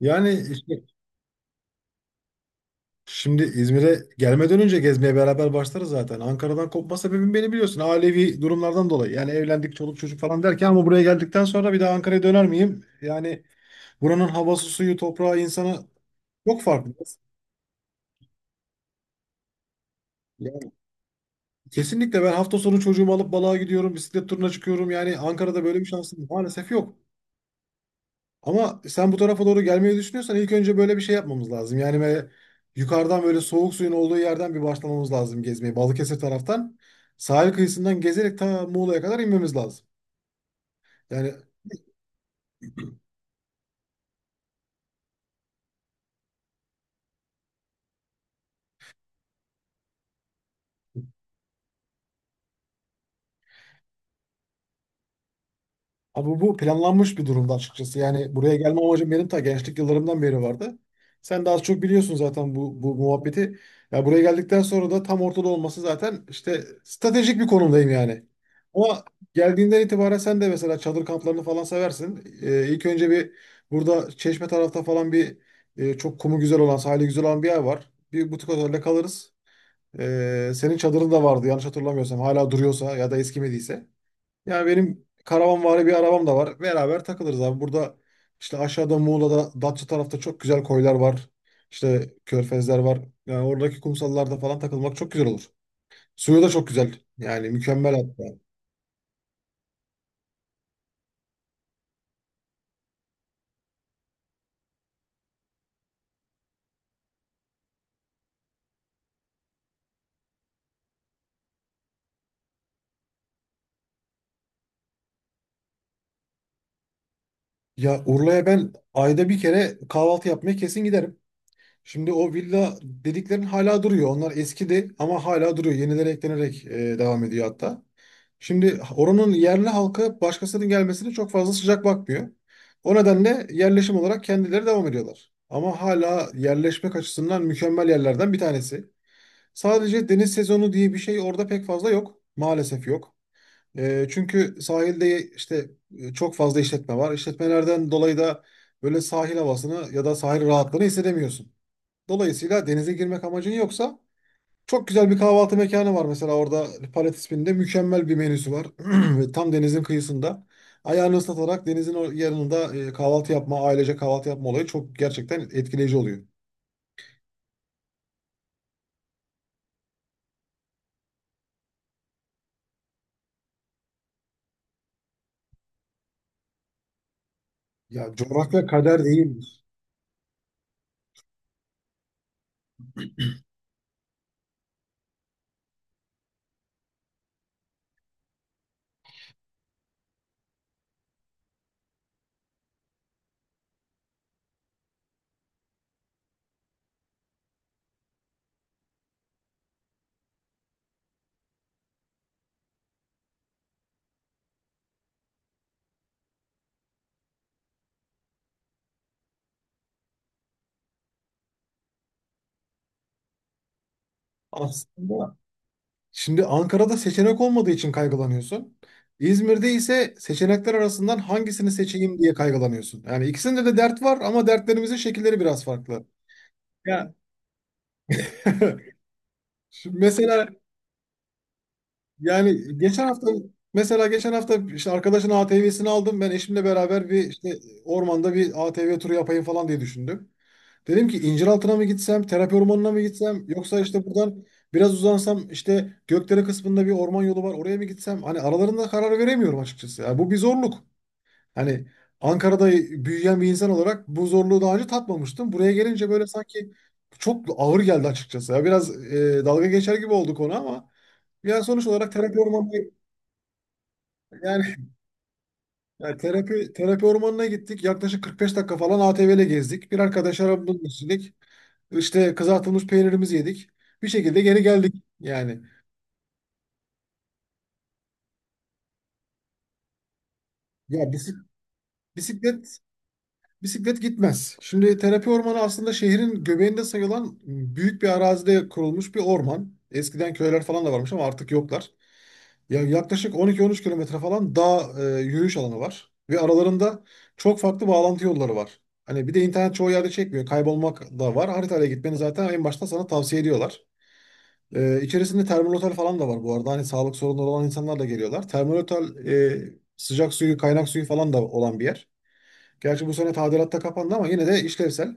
Yani işte şimdi İzmir'e gelmeden önce gezmeye beraber başlarız zaten. Ankara'dan kopma sebebim beni biliyorsun. Ailevi durumlardan dolayı. Yani evlendik, çoluk çocuk falan derken ama buraya geldikten sonra bir daha Ankara'ya döner miyim? Yani buranın havası, suyu, toprağı, insanı çok farklı. Yani kesinlikle ben hafta sonu çocuğumu alıp balığa gidiyorum, bisiklet turuna çıkıyorum. Yani Ankara'da böyle bir şansım maalesef yok. Ama sen bu tarafa doğru gelmeyi düşünüyorsan ilk önce böyle bir şey yapmamız lazım. Yani böyle yukarıdan böyle soğuk suyun olduğu yerden bir başlamamız lazım gezmeye. Balıkesir taraftan sahil kıyısından gezerek ta Muğla'ya kadar inmemiz lazım. Yani, abi, bu planlanmış bir durumda açıkçası. Yani buraya gelme amacım benim ta gençlik yıllarımdan beri vardı. Sen de az çok biliyorsun zaten bu muhabbeti. Ya buraya geldikten sonra da tam ortada olması zaten işte stratejik bir konumdayım yani. Ama geldiğinden itibaren sen de mesela çadır kamplarını falan seversin. İlk önce bir burada Çeşme tarafta falan bir çok kumu güzel olan, sahili güzel olan bir yer var. Bir butik otelde kalırız. Senin çadırın da vardı yanlış hatırlamıyorsam. Hala duruyorsa ya da eskimediyse. Yani benim karavanvari bir arabam da var. Beraber takılırız abi. Burada işte aşağıda Muğla'da Datça tarafta çok güzel koylar var. İşte körfezler var. Yani oradaki kumsallarda falan takılmak çok güzel olur. Suyu da çok güzel. Yani mükemmel hatta. Ya Urla'ya ben ayda bir kere kahvaltı yapmaya kesin giderim. Şimdi o villa dediklerin hala duruyor. Onlar eskidi ama hala duruyor. Yenileri eklenerek devam ediyor hatta. Şimdi oranın yerli halkı başkasının gelmesine çok fazla sıcak bakmıyor. O nedenle yerleşim olarak kendileri devam ediyorlar. Ama hala yerleşmek açısından mükemmel yerlerden bir tanesi. Sadece deniz sezonu diye bir şey orada pek fazla yok. Maalesef yok. Çünkü sahilde işte çok fazla işletme var. İşletmelerden dolayı da böyle sahil havasını ya da sahil rahatlığını hissedemiyorsun. Dolayısıyla denize girmek amacın yoksa çok güzel bir kahvaltı mekanı var mesela orada Palet isminde. Mükemmel bir menüsü var. Ve tam denizin kıyısında. Ayağını ıslatarak denizin o yanında kahvaltı yapma, ailece kahvaltı yapma olayı çok gerçekten etkileyici oluyor. Ya coğrafya kader değilmiş. Aslında şimdi Ankara'da seçenek olmadığı için kaygılanıyorsun. İzmir'de ise seçenekler arasından hangisini seçeyim diye kaygılanıyorsun. Yani ikisinde de dert var ama dertlerimizin şekilleri biraz farklı. Ya, şimdi mesela, yani geçen hafta, mesela geçen hafta işte arkadaşın ATV'sini aldım. Ben eşimle beraber bir işte ormanda bir ATV turu yapayım falan diye düşündüm. Dedim ki İnciraltı'na mı gitsem, terapi ormanına mı gitsem yoksa işte buradan biraz uzansam işte Gökdere kısmında bir orman yolu var oraya mı gitsem? Hani aralarında karar veremiyorum açıkçası. Yani bu bir zorluk. Hani Ankara'da büyüyen bir insan olarak bu zorluğu daha önce tatmamıştım. Buraya gelince böyle sanki çok ağır geldi açıkçası. Ya biraz dalga geçer gibi olduk ona ama ya sonuç olarak terapi ormanına, yani, yani terapi ormanına gittik. Yaklaşık 45 dakika falan ATV ile gezdik. Bir arkadaş arabamızı istedik. İşte kızartılmış peynirimizi yedik. Bir şekilde geri geldik. Yani, ya, bisiklet. Bisiklet gitmez. Şimdi terapi ormanı aslında şehrin göbeğinde sayılan büyük bir arazide kurulmuş bir orman. Eskiden köyler falan da varmış ama artık yoklar. Ya yaklaşık 12-13 kilometre falan dağ yürüyüş alanı var. Ve aralarında çok farklı bağlantı yolları var. Hani bir de internet çoğu yerde çekmiyor. Kaybolmak da var. Haritayla gitmeni zaten en başta sana tavsiye ediyorlar. İçerisinde termal otel falan da var bu arada. Hani sağlık sorunları olan insanlar da geliyorlar. Termal otel, sıcak suyu, kaynak suyu falan da olan bir yer. Gerçi bu sene tadilatta kapandı ama yine de işlevsel.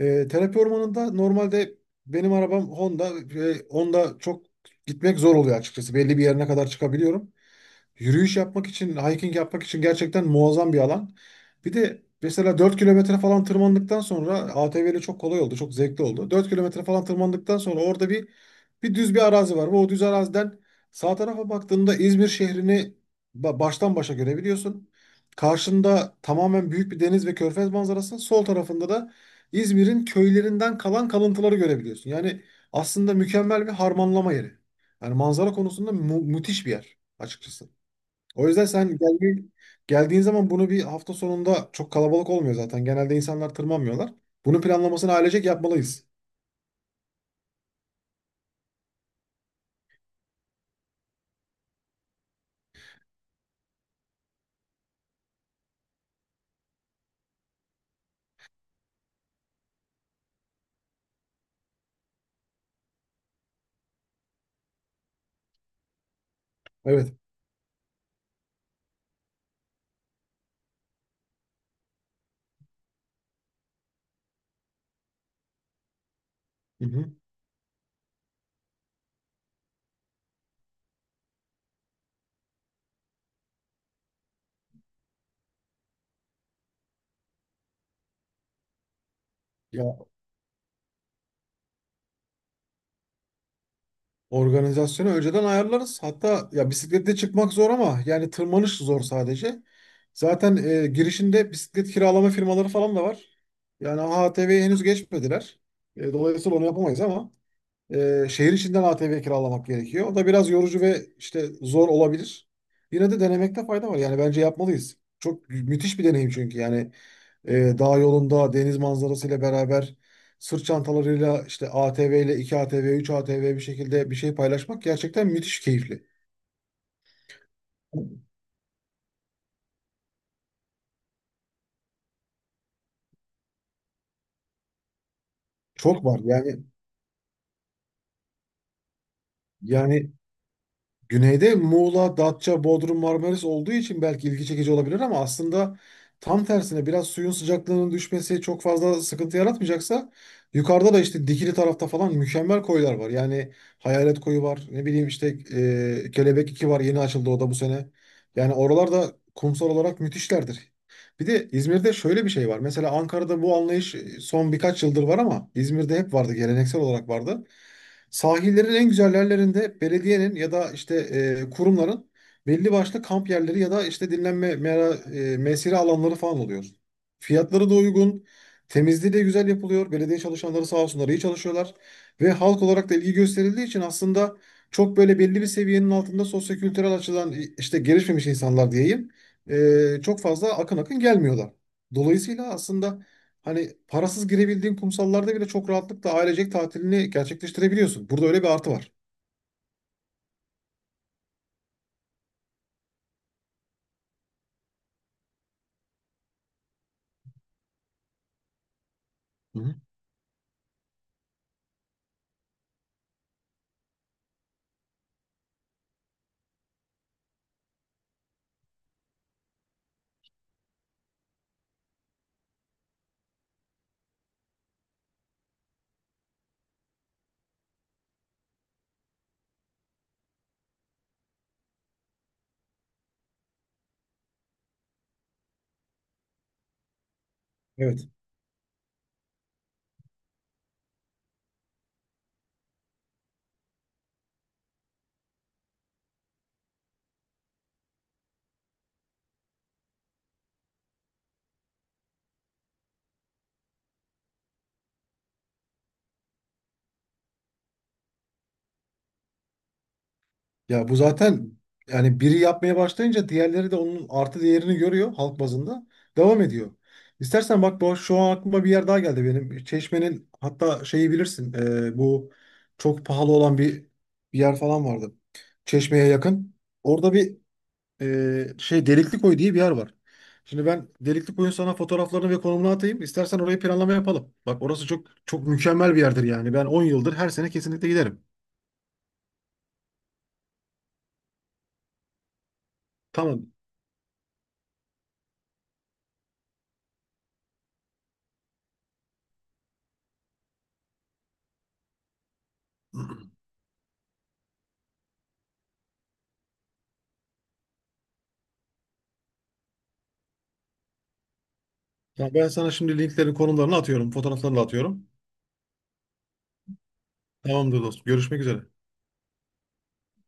Terapi ormanında normalde benim arabam Honda. Honda çok gitmek zor oluyor açıkçası. Belli bir yerine kadar çıkabiliyorum. Yürüyüş yapmak için, hiking yapmak için gerçekten muazzam bir alan. Bir de mesela 4 kilometre falan tırmandıktan sonra ATV ile çok kolay oldu, çok zevkli oldu. 4 kilometre falan tırmandıktan sonra orada bir düz bir arazi var. Bu o düz araziden sağ tarafa baktığında İzmir şehrini baştan başa görebiliyorsun. Karşında tamamen büyük bir deniz ve körfez manzarası. Sol tarafında da İzmir'in köylerinden kalan kalıntıları görebiliyorsun. Yani aslında mükemmel bir harmanlama yeri. Yani manzara konusunda müthiş bir yer açıkçası. O yüzden sen geldiğin zaman bunu bir hafta sonunda çok kalabalık olmuyor zaten. Genelde insanlar tırmanmıyorlar. Bunun planlamasını ailecek yapmalıyız. Evet. Hı hı. Organizasyonu önceden ayarlarız. Hatta ya bisikletle çıkmak zor ama yani tırmanış zor sadece. Zaten girişinde bisiklet kiralama firmaları falan da var. Yani AHTV'ye henüz geçmediler. Dolayısıyla onu yapamayız ama şehir içinden ATV kiralamak gerekiyor. O da biraz yorucu ve işte zor olabilir. Yine de denemekte fayda var. Yani bence yapmalıyız. Çok müthiş bir deneyim çünkü. Yani e, dağ yolunda deniz manzarasıyla beraber sırt çantalarıyla işte ATV ile 2 ATV, 3 ATV bir şekilde bir şey paylaşmak gerçekten müthiş keyifli. Çok var yani. yani Güneyde Muğla, Datça, Bodrum, Marmaris olduğu için belki ilgi çekici olabilir ama aslında tam tersine biraz suyun sıcaklığının düşmesi çok fazla sıkıntı yaratmayacaksa yukarıda da işte Dikili tarafta falan mükemmel koylar var. Yani Hayalet Koyu var. Ne bileyim işte Kelebek 2 var. Yeni açıldı o da bu sene. Yani oralarda kumsal olarak müthişlerdir. Bir de İzmir'de şöyle bir şey var. Mesela Ankara'da bu anlayış son birkaç yıldır var ama İzmir'de hep vardı. Geleneksel olarak vardı. Sahillerin en güzel yerlerinde belediyenin ya da işte kurumların belli başlı kamp yerleri ya da işte dinlenme mesire alanları falan oluyor. Fiyatları da uygun. Temizliği de güzel yapılıyor. Belediye çalışanları sağ olsunlar iyi çalışıyorlar. Ve halk olarak da ilgi gösterildiği için aslında çok böyle belli bir seviyenin altında sosyokültürel açıdan işte gelişmemiş insanlar diyeyim. Çok fazla akın akın gelmiyorlar. Dolayısıyla aslında hani parasız girebildiğin kumsallarda bile çok rahatlıkla ailecek tatilini gerçekleştirebiliyorsun. Burada öyle bir artı var. Hı hı. Evet. Ya bu zaten yani biri yapmaya başlayınca diğerleri de onun artı değerini görüyor halk bazında. Devam ediyor. İstersen bak, şu an aklıma bir yer daha geldi benim. Çeşme'nin hatta şeyi bilirsin. Bu çok pahalı olan bir yer falan vardı. Çeşme'ye yakın. Orada bir, şey, Delikli Koy diye bir yer var. Şimdi ben Delikli Koy'un sana fotoğraflarını ve konumunu atayım. İstersen orayı planlama yapalım. Bak orası çok çok mükemmel bir yerdir yani. Ben 10 yıldır her sene kesinlikle giderim. Tamam. Ya ben sana şimdi linklerin konumlarını atıyorum, fotoğraflarını da atıyorum. Tamamdır dostum. Görüşmek üzere.